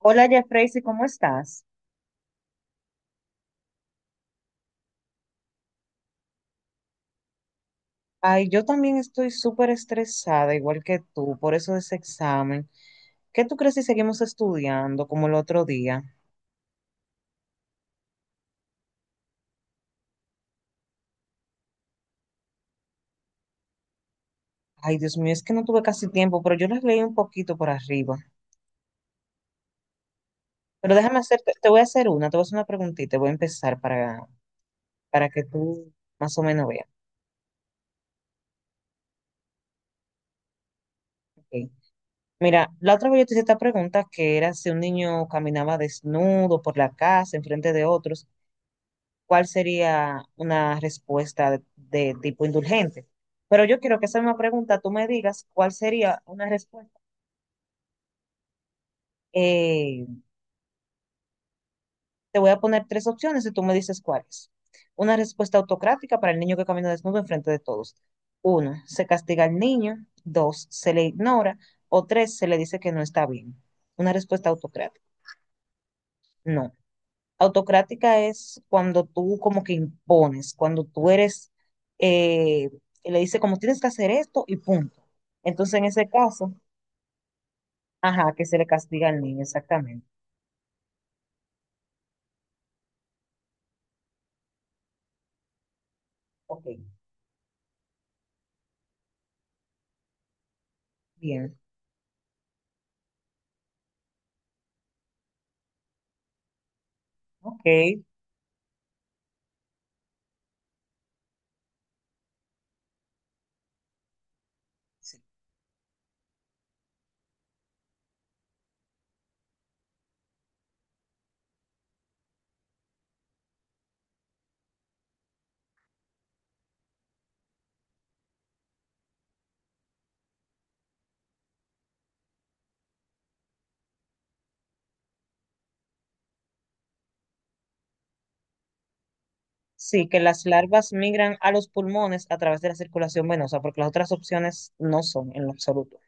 Hola, Jeffrey, ¿cómo estás? Ay, yo también estoy súper estresada, igual que tú, por eso de ese examen. ¿Qué tú crees si seguimos estudiando como el otro día? Ay, Dios mío, es que no tuve casi tiempo, pero yo las leí un poquito por arriba. Pero déjame hacerte, te voy a hacer una, te voy a hacer una preguntita, voy a empezar para que tú más o menos veas. Ok. Mira, la otra vez yo te hice esta pregunta que era si un niño caminaba desnudo por la casa, enfrente de otros, cuál sería una respuesta de tipo indulgente. Pero yo quiero que esa misma pregunta tú me digas cuál sería una respuesta. Eh, Te voy a poner tres opciones y tú me dices cuáles. Una respuesta autocrática para el niño que camina desnudo enfrente de todos. Uno, se castiga al niño. Dos, se le ignora. O tres, se le dice que no está bien. Una respuesta autocrática. No. Autocrática es cuando tú como que impones, cuando tú eres, eh, le dice como tienes que hacer esto y punto. Entonces en ese caso, ajá, que se le castiga al niño, exactamente. Ok, bien, ok. Sí, sí, que las larvas migran a los pulmones a través de la circulación venosa, porque las otras opciones no son en lo absoluto.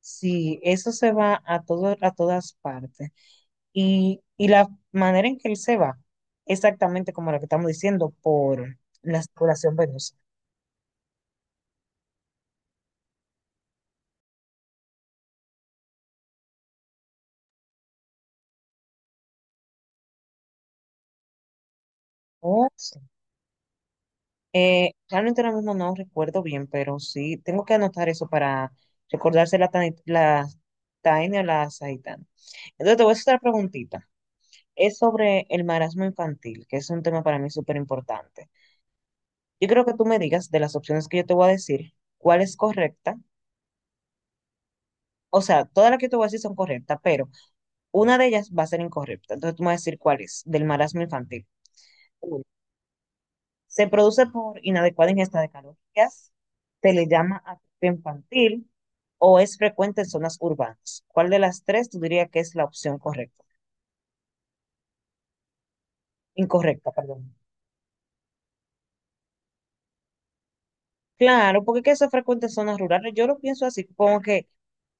Sí, eso se va a todo, a todas partes. Y la manera en que él se va, exactamente como la que estamos diciendo, por la circulación venosa. Oh, sí. Realmente ahora mismo no recuerdo bien, pero sí, tengo que anotar eso para recordarse la, la Taenia o la Saitana. Entonces te voy a hacer otra preguntita. Es sobre el marasmo infantil, que es un tema para mí súper importante. Yo creo que tú me digas de las opciones que yo te voy a decir, cuál es correcta. O sea, todas las que te voy a decir son correctas, pero una de ellas va a ser incorrecta. Entonces tú me vas a decir cuál es, del marasmo infantil. Uno, se produce por inadecuada ingesta de calorías, se le llama atrofia infantil o es frecuente en zonas urbanas. ¿Cuál de las tres tú dirías que es la opción correcta? Incorrecta, perdón. Claro, porque que eso es frecuente en zonas rurales. Yo lo pienso así, como que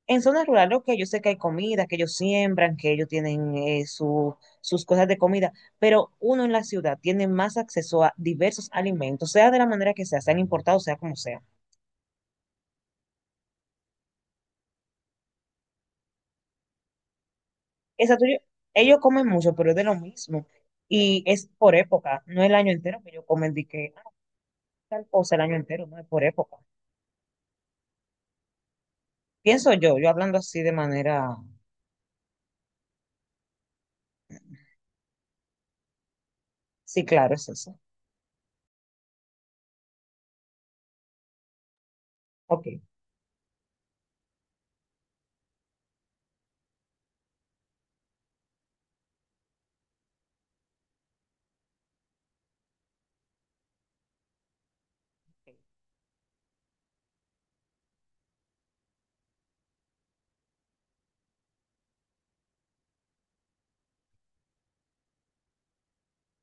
en zonas rurales, ok, yo sé que hay comida, que ellos siembran, que ellos tienen sus cosas de comida, pero uno en la ciudad tiene más acceso a diversos alimentos, sea de la manera que sea, sean importados, sea como sea. Exacto, ellos comen mucho, pero es de lo mismo. Y es por época, no el año entero que ellos comen, de que ah, tal cosa el año entero, no es por época. Pienso yo, yo hablando así de manera, sí, claro, es eso. Ok.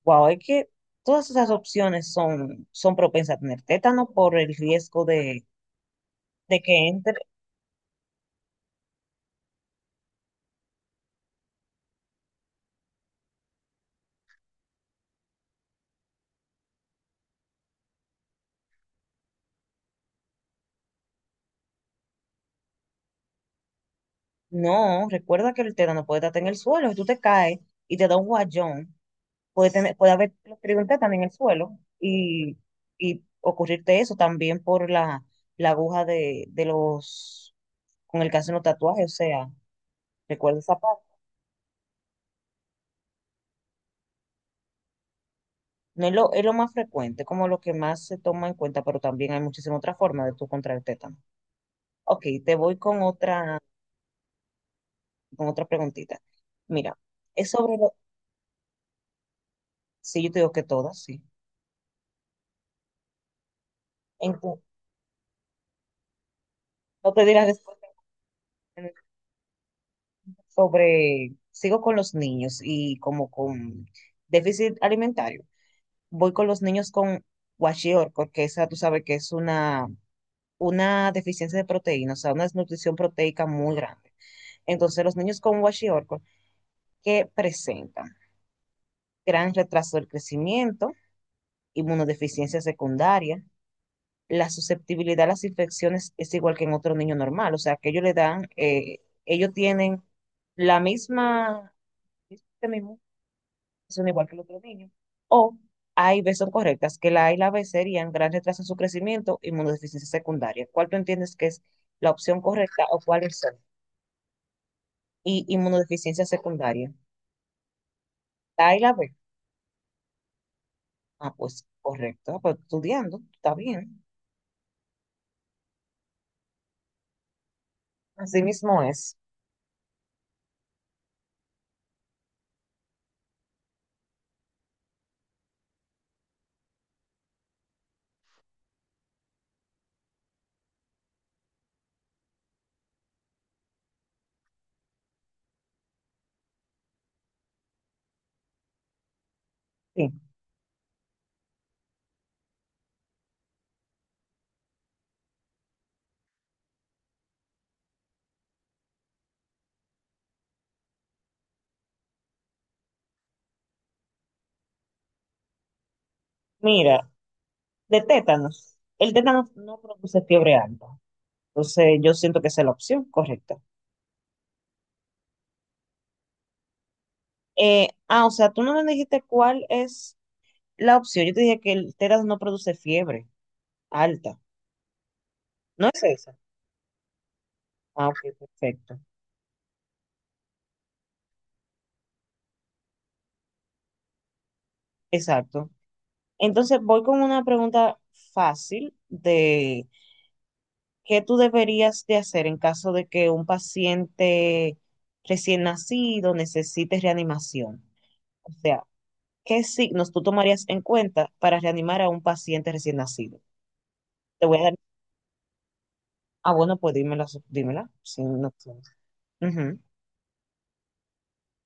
Wow, es que todas esas opciones son, son propensas a tener tétano por el riesgo de que entre. No, recuerda que el tétano puede estar en el suelo. Si tú te caes y te da un guayón, puede tener, puede haber escrito un tétano en el suelo y ocurrirte eso también por la, la aguja de los, con el que hacen los tatuajes. O sea, recuerda esa parte. No es lo, es lo más frecuente, como lo que más se toma en cuenta, pero también hay muchísimas otras formas de tú contraer tétano. Ok, te voy con otra preguntita. Mira, es sobre lo, sí, yo te digo que todas, sí. Entonces, no te dirás sobre, sigo con los niños y como con déficit alimentario, voy con los niños con kwashiorkor, porque esa tú sabes que es una deficiencia de proteína, o sea, una desnutrición proteica muy grande. Entonces, los niños con kwashiorkor que presentan gran retraso del crecimiento, inmunodeficiencia secundaria, la susceptibilidad a las infecciones es igual que en otro niño normal, o sea, que ellos le dan, ellos tienen la misma mismo sistema son igual que los otros niños. O A y B son correctas, que la A y la B serían gran retraso en su crecimiento, inmunodeficiencia secundaria. ¿Cuál tú entiendes que es la opción correcta o cuáles son? Y inmunodeficiencia secundaria. La A y la B. Ah, pues correcto. Ah, pues estudiando, está bien. Así mismo es. Sí. Mira, de tétanos. El tétanos no produce fiebre alta. Entonces, yo siento que esa es la opción correcta. O sea, tú no me dijiste cuál es la opción. Yo te dije que el tétanos no produce fiebre alta. No es esa. Ah, ok, perfecto. Exacto. Entonces voy con una pregunta fácil de qué tú deberías de hacer en caso de que un paciente recién nacido necesite reanimación. O sea, ¿qué signos tú tomarías en cuenta para reanimar a un paciente recién nacido? Te voy a dar... Ah, bueno, pues dímela, dímela. Sí, no tienes. Ujú,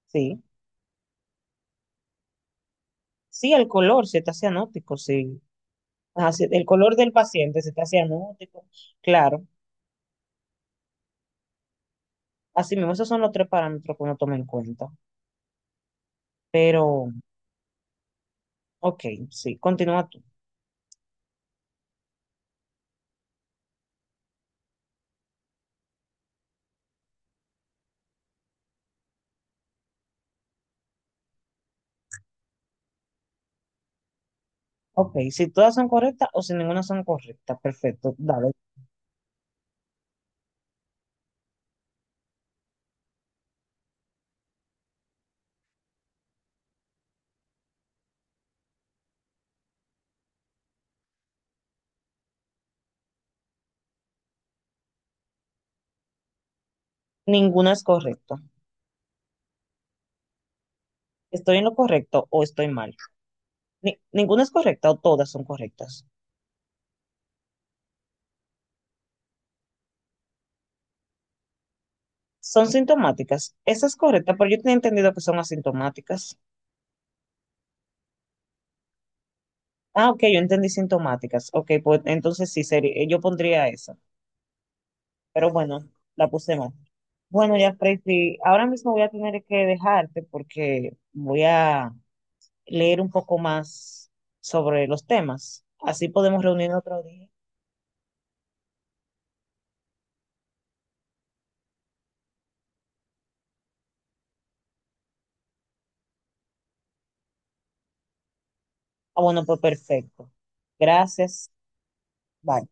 sí. Sí, el color, si está cianótico, sí. Ajá, sí, el color del paciente, si está cianótico, claro. Así mismo, esos son los tres parámetros que uno toma en cuenta. Pero, ok, sí, continúa tú. Ok, si todas son correctas o si ninguna son correctas, perfecto, dale. Ninguna es correcta. ¿Estoy en lo correcto o estoy mal? Ninguna es correcta o todas son correctas. Son sintomáticas. Esa es correcta, pero yo tenía entendido que son asintomáticas. Ah, ok, yo entendí sintomáticas. Ok, pues entonces sí, sería, yo pondría esa. Pero bueno, la puse mal. Bueno, ya, Tracy, ahora mismo voy a tener que dejarte porque voy a leer un poco más sobre los temas. Así podemos reunirnos otro día. Ah, bueno, pues perfecto. Gracias. Bye.